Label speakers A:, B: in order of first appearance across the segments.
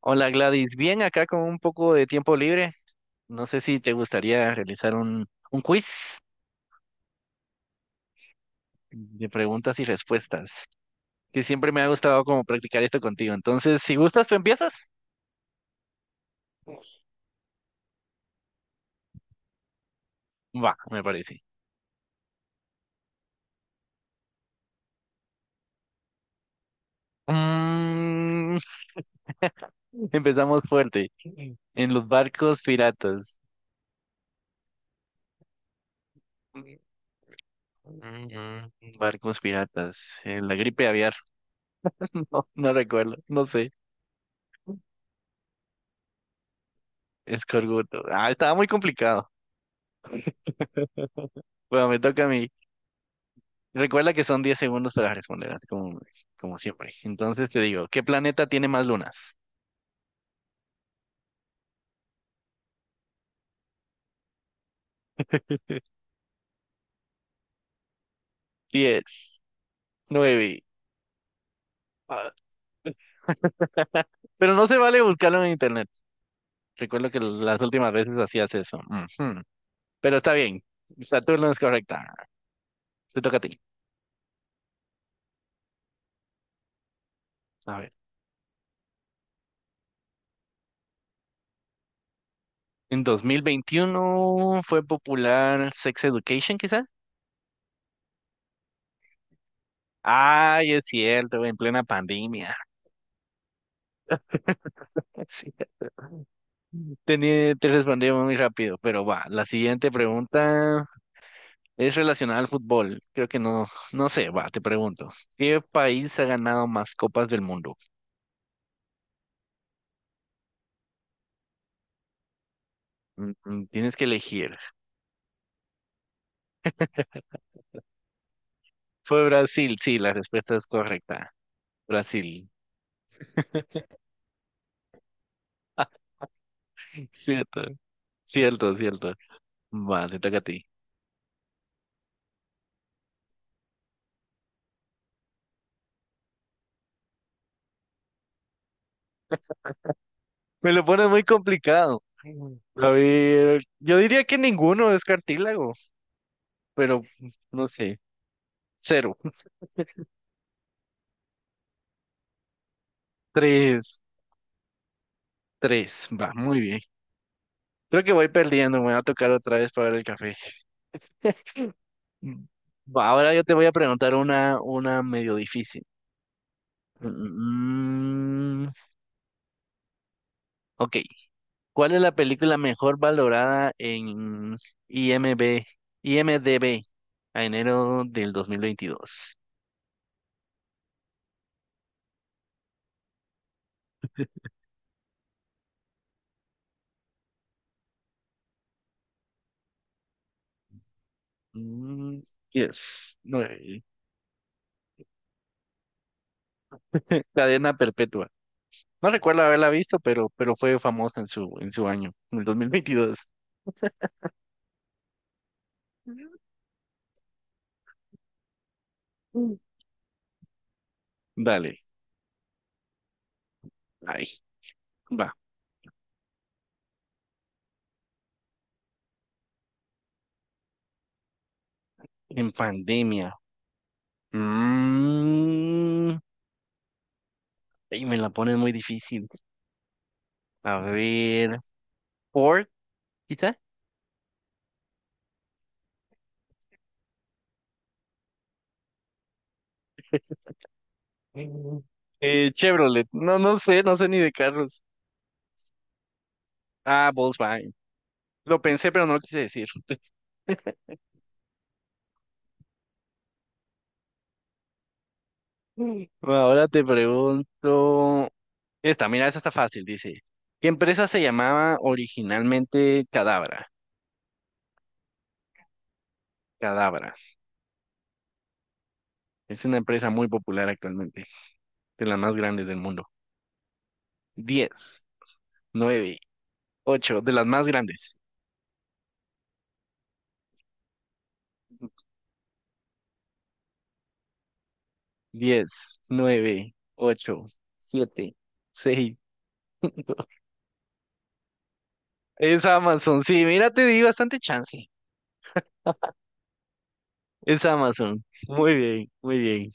A: Hola Gladys, bien acá con un poco de tiempo libre. No sé si te gustaría realizar un quiz de preguntas y respuestas, que siempre me ha gustado como practicar esto contigo. Entonces, si gustas, tú empiezas. Va, me parece. Mm, empezamos fuerte. En los barcos piratas. Mm, Barcos piratas. En la gripe aviar. No, no recuerdo, no sé. Escorbuto. Ah, estaba muy complicado. Bueno, me toca a mí. Recuerda que son 10 segundos para responder, así como siempre. Entonces te digo, ¿qué planeta tiene más lunas? 10, 9. ah, Pero no se vale buscarlo en internet. Recuerdo que las últimas veces hacías eso. Ujú. Pero está bien. Saturno es correcta. Te toca a ti. A ver. En 2021 fue popular Sex Education, quizá. Ay, es cierto, en plena pandemia. Sí. Te respondí muy rápido, pero va. La siguiente pregunta. Es relacionada al fútbol. Creo que no, no sé, va, te pregunto. ¿Qué país ha ganado más copas del mundo? Tienes que elegir. Fue Brasil, sí, la respuesta es correcta. Brasil. Cierto, cierto, cierto. Va, te toca a ti. Me lo pones muy complicado. A ver, yo diría que ninguno es cartílago, pero no sé. Cero. Tres, tres. Va, muy bien. Creo que voy perdiendo, me va a tocar otra vez para el café. Mm. Va, ahora yo te voy a preguntar una medio difícil. Mm, ok, ¿cuál es la película mejor valorada en IMB, IMDb a enero del 2022? Mm, yes, no, Cadena Perpetua. No recuerdo haberla visto, pero fue famosa en su año, en el 2022. Mm. Dale, ahí va, en pandemia. Mm, y me la pones muy difícil. A ver, Ford, quizá. Mm. Chevrolet, no, no sé, no sé ni de carros. Ah, Volkswagen. Lo pensé, pero no lo quise decir. Mm. Ahora te pregunto. Esta, mira, esta está fácil, dice. ¿Qué empresa se llamaba originalmente Cadabra? Cadabra. Es una empresa muy popular actualmente, de las más grandes del mundo. 10, 9, 8, de las más grandes. 10, 9, 8, 7, 6. Es Amazon, sí, mira, te di bastante chance. Es Amazon. Muy bien, muy bien.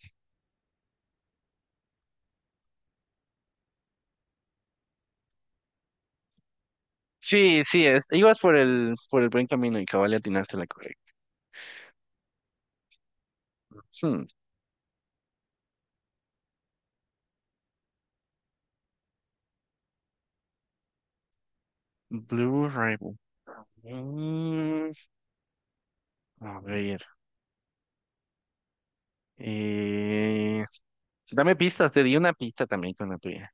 A: Sí, sí, ibas por el buen camino y cabal le atinaste la correcta. Hmm, Blue Rival. Mm, a ver. eh, dame pistas, te di una pista también con la tuya.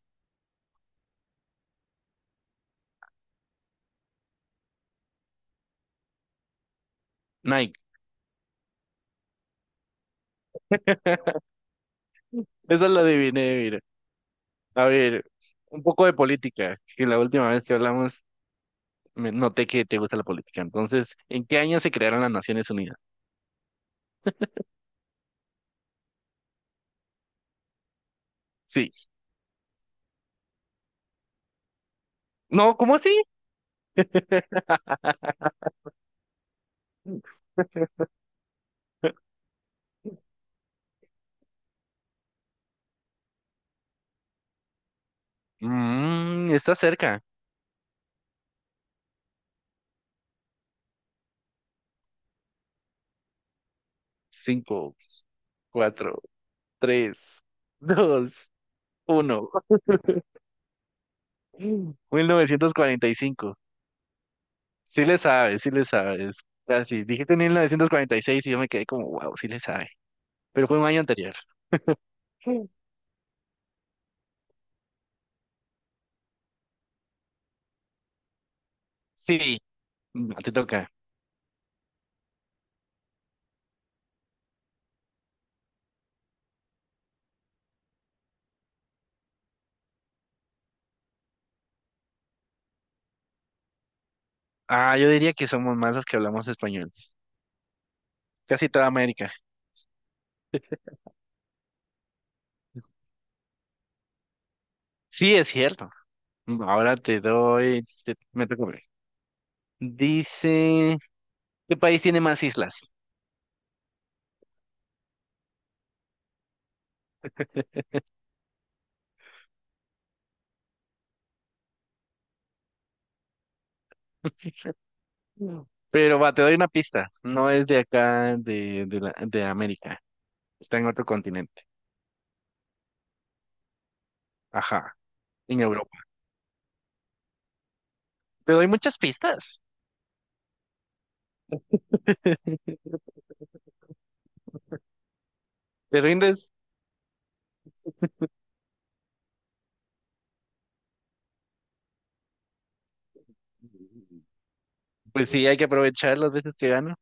A: Nike. Esa la adiviné, mira. A ver, un poco de política, que la última vez que hablamos me noté que te gusta la política. Entonces, ¿en qué año se crearon las Naciones Unidas? Sí. No, ¿cómo así? Está cerca. Cinco, cuatro, tres, dos, uno. 1945. Sí le sabes, sí le sabes. Casi. Dijiste 1946 y yo me quedé como, wow, sí le sabe. Pero fue un año anterior. Sí. Sí, te toca. Ah, yo diría que somos más los que hablamos español. Casi toda América. Sí, es cierto. Ahora me toca. Dice, ¿qué país tiene más islas? No. Pero va, te doy una pista. No es de acá, de América. Está en otro continente. Ajá, en Europa. Te doy muchas pistas. ¿Te rindes? Pues sí, hay que aprovechar las veces que gano.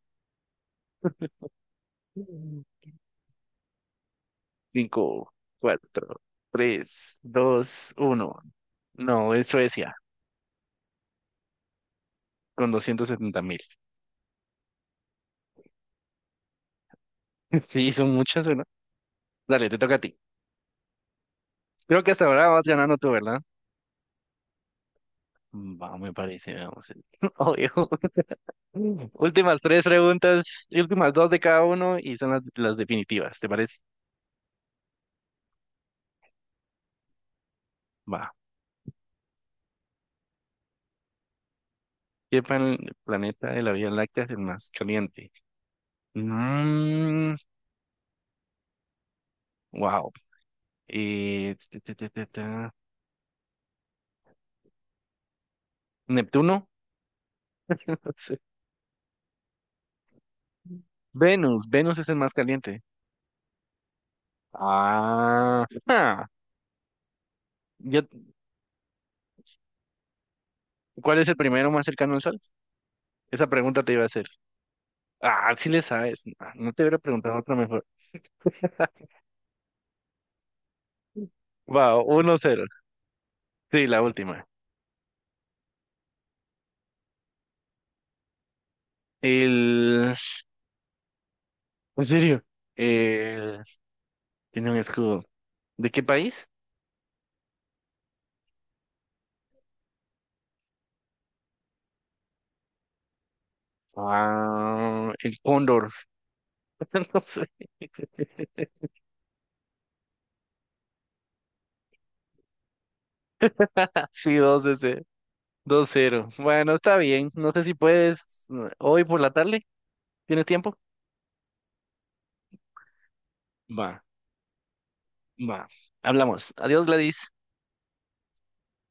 A: Cinco, cuatro, tres, dos, uno. No, es Suecia, con 270.000. Sí, son muchas, ¿verdad? Dale, te toca a ti. Creo que hasta ahora vas ganando tú, ¿verdad? Va, me parece, vamos. Obvio. Mm. Últimas tres preguntas, y últimas dos de cada uno y son las definitivas, ¿te parece? Va. ¿Qué planeta de la Vía Láctea es el más caliente? Mm, wow. Ta, ta, ta, ta, ta. ¿Neptuno? Sí. Venus, Venus es el más caliente. Ah, ah. Yo- ¿Cuál es el primero más cercano al Sol? Esa pregunta te iba a hacer. Ah, sí le sabes. Ah, no te hubiera preguntado otra mejor. Wow, 1-0. Sí, la última. El... ¿En serio? Eh, tiene un escudo. ¿De qué país? Ah, el Cóndor. No sé. Sí, dos ese, 2-0. Bueno, está bien. No sé si puedes. Hoy por la tarde. ¿Tienes tiempo? Va, va. Hablamos. Adiós, Gladys.